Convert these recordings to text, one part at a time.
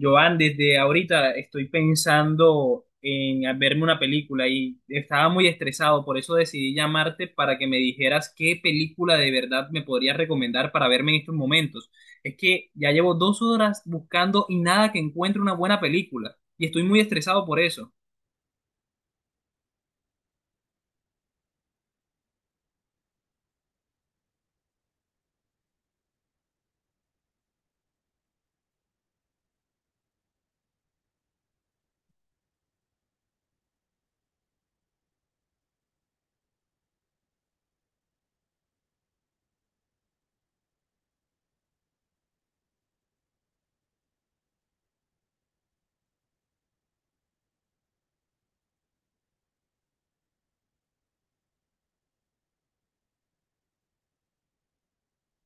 Joan, desde ahorita estoy pensando en verme una película y estaba muy estresado, por eso decidí llamarte para que me dijeras qué película de verdad me podrías recomendar para verme en estos momentos. Es que ya llevo dos horas buscando y nada que encuentre una buena película y estoy muy estresado por eso.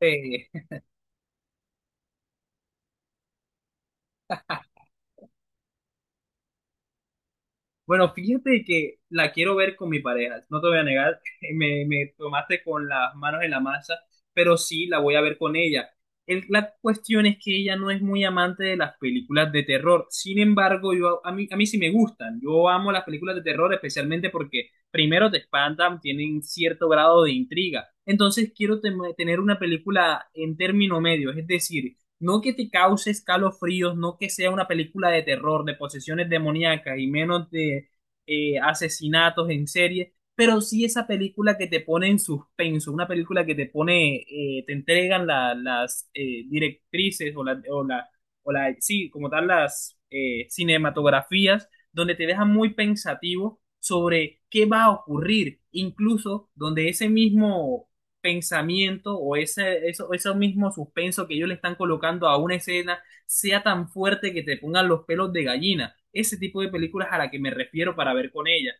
Eh, Bueno, fíjate que la quiero ver con mi pareja, no te voy a negar, me tomaste con las manos en la masa, pero sí la voy a ver con ella. La cuestión es que ella no es muy amante de las películas de terror, sin embargo, yo, a mí sí me gustan, yo amo las películas de terror especialmente porque primero te espantan, tienen cierto grado de intriga, entonces quiero tener una película en término medio, es decir, no que te cause escalofríos, no que sea una película de terror, de posesiones demoníacas y menos de asesinatos en serie, pero sí esa película que te pone en suspenso, una película que te pone, te entregan la- las directrices sí, como tal, las cinematografías, donde te dejan muy pensativo sobre qué va a ocurrir, incluso donde ese mismo pensamiento ese mismo suspenso que ellos le están colocando a una escena sea tan fuerte que te pongan los pelos de gallina. Ese tipo de películas a la que me refiero para ver con ella.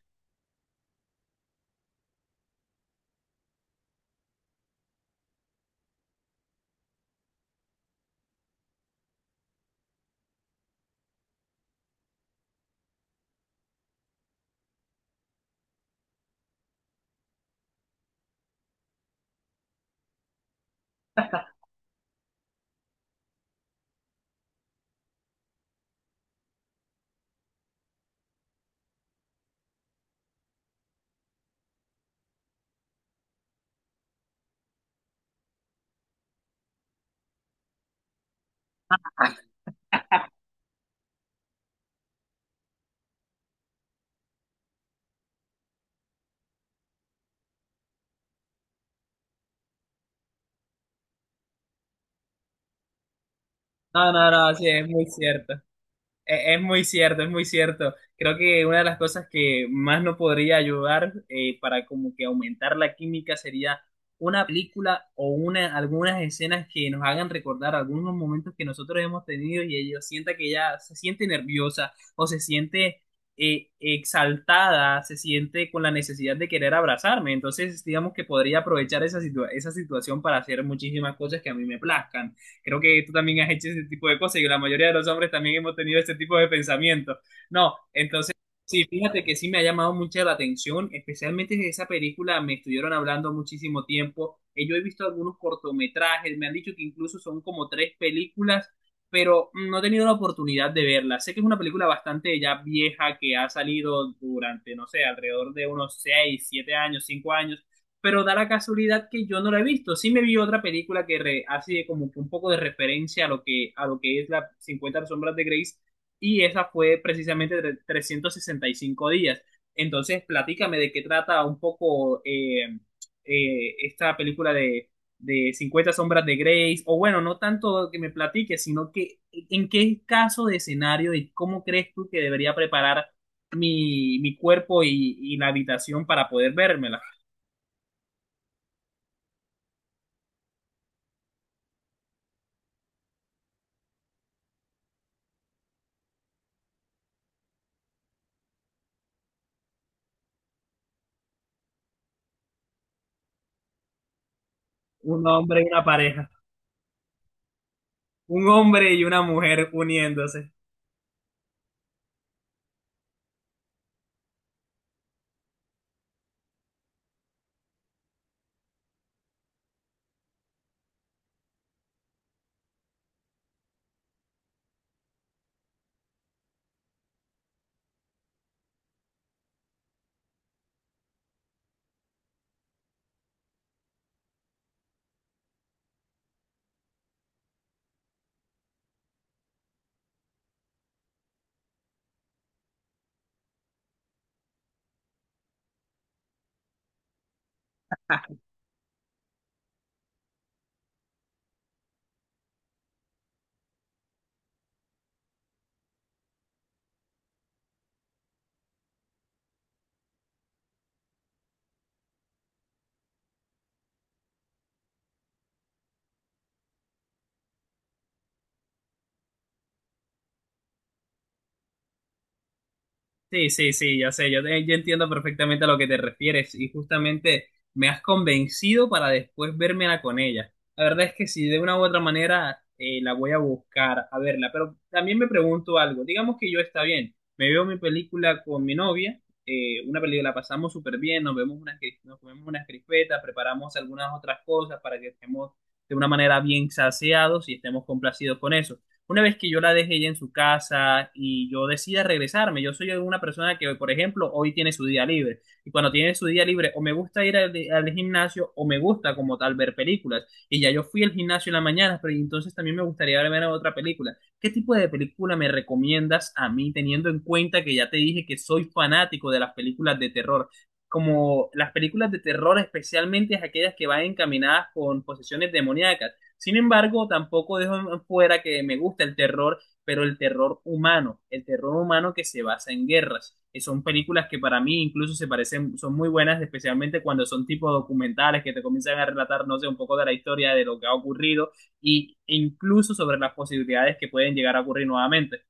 No, no, no, sí, es muy cierto. Es muy cierto, es muy cierto. Creo que una de las cosas que más nos podría ayudar para como que aumentar la química sería una película o una, algunas escenas que nos hagan recordar algunos momentos que nosotros hemos tenido y ella sienta que ella se siente nerviosa o se siente exaltada, se siente con la necesidad de querer abrazarme. Entonces, digamos que podría aprovechar esa situación para hacer muchísimas cosas que a mí me plazcan. Creo que tú también has hecho ese tipo de cosas y la mayoría de los hombres también hemos tenido ese tipo de pensamientos. No, entonces, sí, fíjate que sí me ha llamado mucho la atención, especialmente de esa película, me estuvieron hablando muchísimo tiempo. Yo he visto algunos cortometrajes, me han dicho que incluso son como tres películas, pero no he tenido la oportunidad de verla. Sé que es una película bastante ya vieja que ha salido durante, no sé, alrededor de unos seis, siete años, cinco años, pero da la casualidad que yo no la he visto. Sí me vi otra película que hace como que un poco de referencia a lo que es la 50 sombras de Grace, y esa fue precisamente de 365 días. Entonces, platícame de qué trata un poco esta película de 50 sombras de Grace, o bueno, no tanto que me platique, sino que en qué caso de escenario y cómo crees tú que debería preparar mi cuerpo y la habitación para poder verme. Un hombre y una pareja. Un hombre y una mujer uniéndose. Sí, sí, sí, ya sé, yo entiendo perfectamente a lo que te refieres y justamente me has convencido para después vérmela con ella. La verdad es que si de una u otra manera la voy a buscar a verla, pero también me pregunto algo. Digamos que yo está bien, me veo mi película con mi novia, una película la pasamos súper bien, nos comemos unas crispetas, preparamos algunas otras cosas para que estemos de una manera bien saciados y estemos complacidos con eso. Una vez que yo la deje ella en su casa y yo decida regresarme, yo soy una persona que, por ejemplo, hoy tiene su día libre. Y cuando tiene su día libre, o me gusta ir al gimnasio o me gusta como tal ver películas. Y ya yo fui al gimnasio en la mañana, pero entonces también me gustaría ver otra película. ¿Qué tipo de película me recomiendas a mí, teniendo en cuenta que ya te dije que soy fanático de las películas de terror? Como las películas de terror, especialmente aquellas que van encaminadas con posesiones demoníacas. Sin embargo, tampoco dejo fuera que me gusta el terror, pero el terror humano que se basa en guerras. Son películas que para mí incluso se parecen, son muy buenas, especialmente cuando son tipo documentales que te comienzan a relatar, no sé, un poco de la historia de lo que ha ocurrido y e incluso sobre las posibilidades que pueden llegar a ocurrir nuevamente.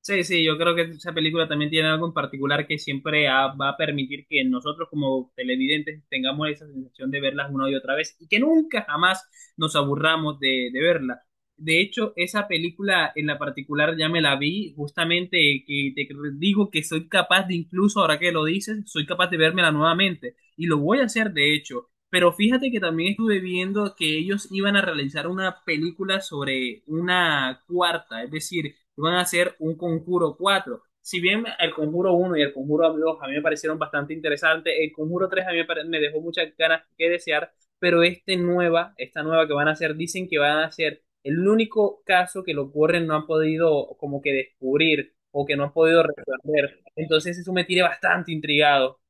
Sí, sí, yo creo que esa película también tiene algo en particular que siempre va a permitir que nosotros como televidentes tengamos esa sensación de verlas una y otra vez y que nunca jamás nos aburramos de verla. De hecho, esa película en la particular ya me la vi justamente que te digo que soy capaz de, incluso ahora que lo dices, soy capaz de vérmela nuevamente y lo voy a hacer de hecho. Pero fíjate que también estuve viendo que ellos iban a realizar una película sobre una cuarta, es decir, van a hacer un conjuro 4. Si bien el conjuro uno y el conjuro 2 a mí me parecieron bastante interesantes, el conjuro 3 a mí me dejó muchas ganas que desear, pero esta nueva que van a hacer, dicen que van a hacer el único caso que los Warren no han podido como que descubrir o que no han podido resolver. Entonces eso me tiene bastante intrigado.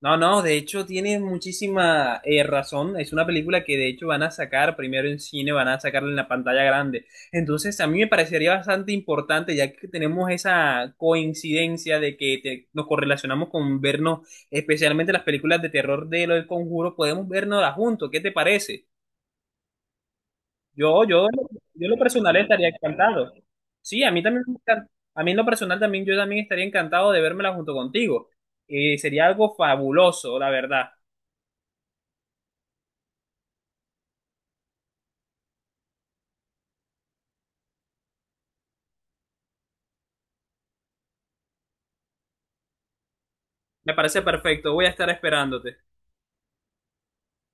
No, no, de hecho tienes muchísima razón. Es una película que de hecho van a sacar primero en cine, van a sacarla en la pantalla grande. Entonces a mí me parecería bastante importante, ya que tenemos esa coincidencia de que nos correlacionamos con vernos, especialmente las películas de terror de lo del Conjuro, podemos vernoslas juntos. ¿Qué te parece? Yo en lo personal estaría encantado. Sí, a mí también, a mí en lo personal también, yo también estaría encantado de vérmela junto contigo. Sería algo fabuloso, la verdad. Me parece perfecto, voy a estar esperándote.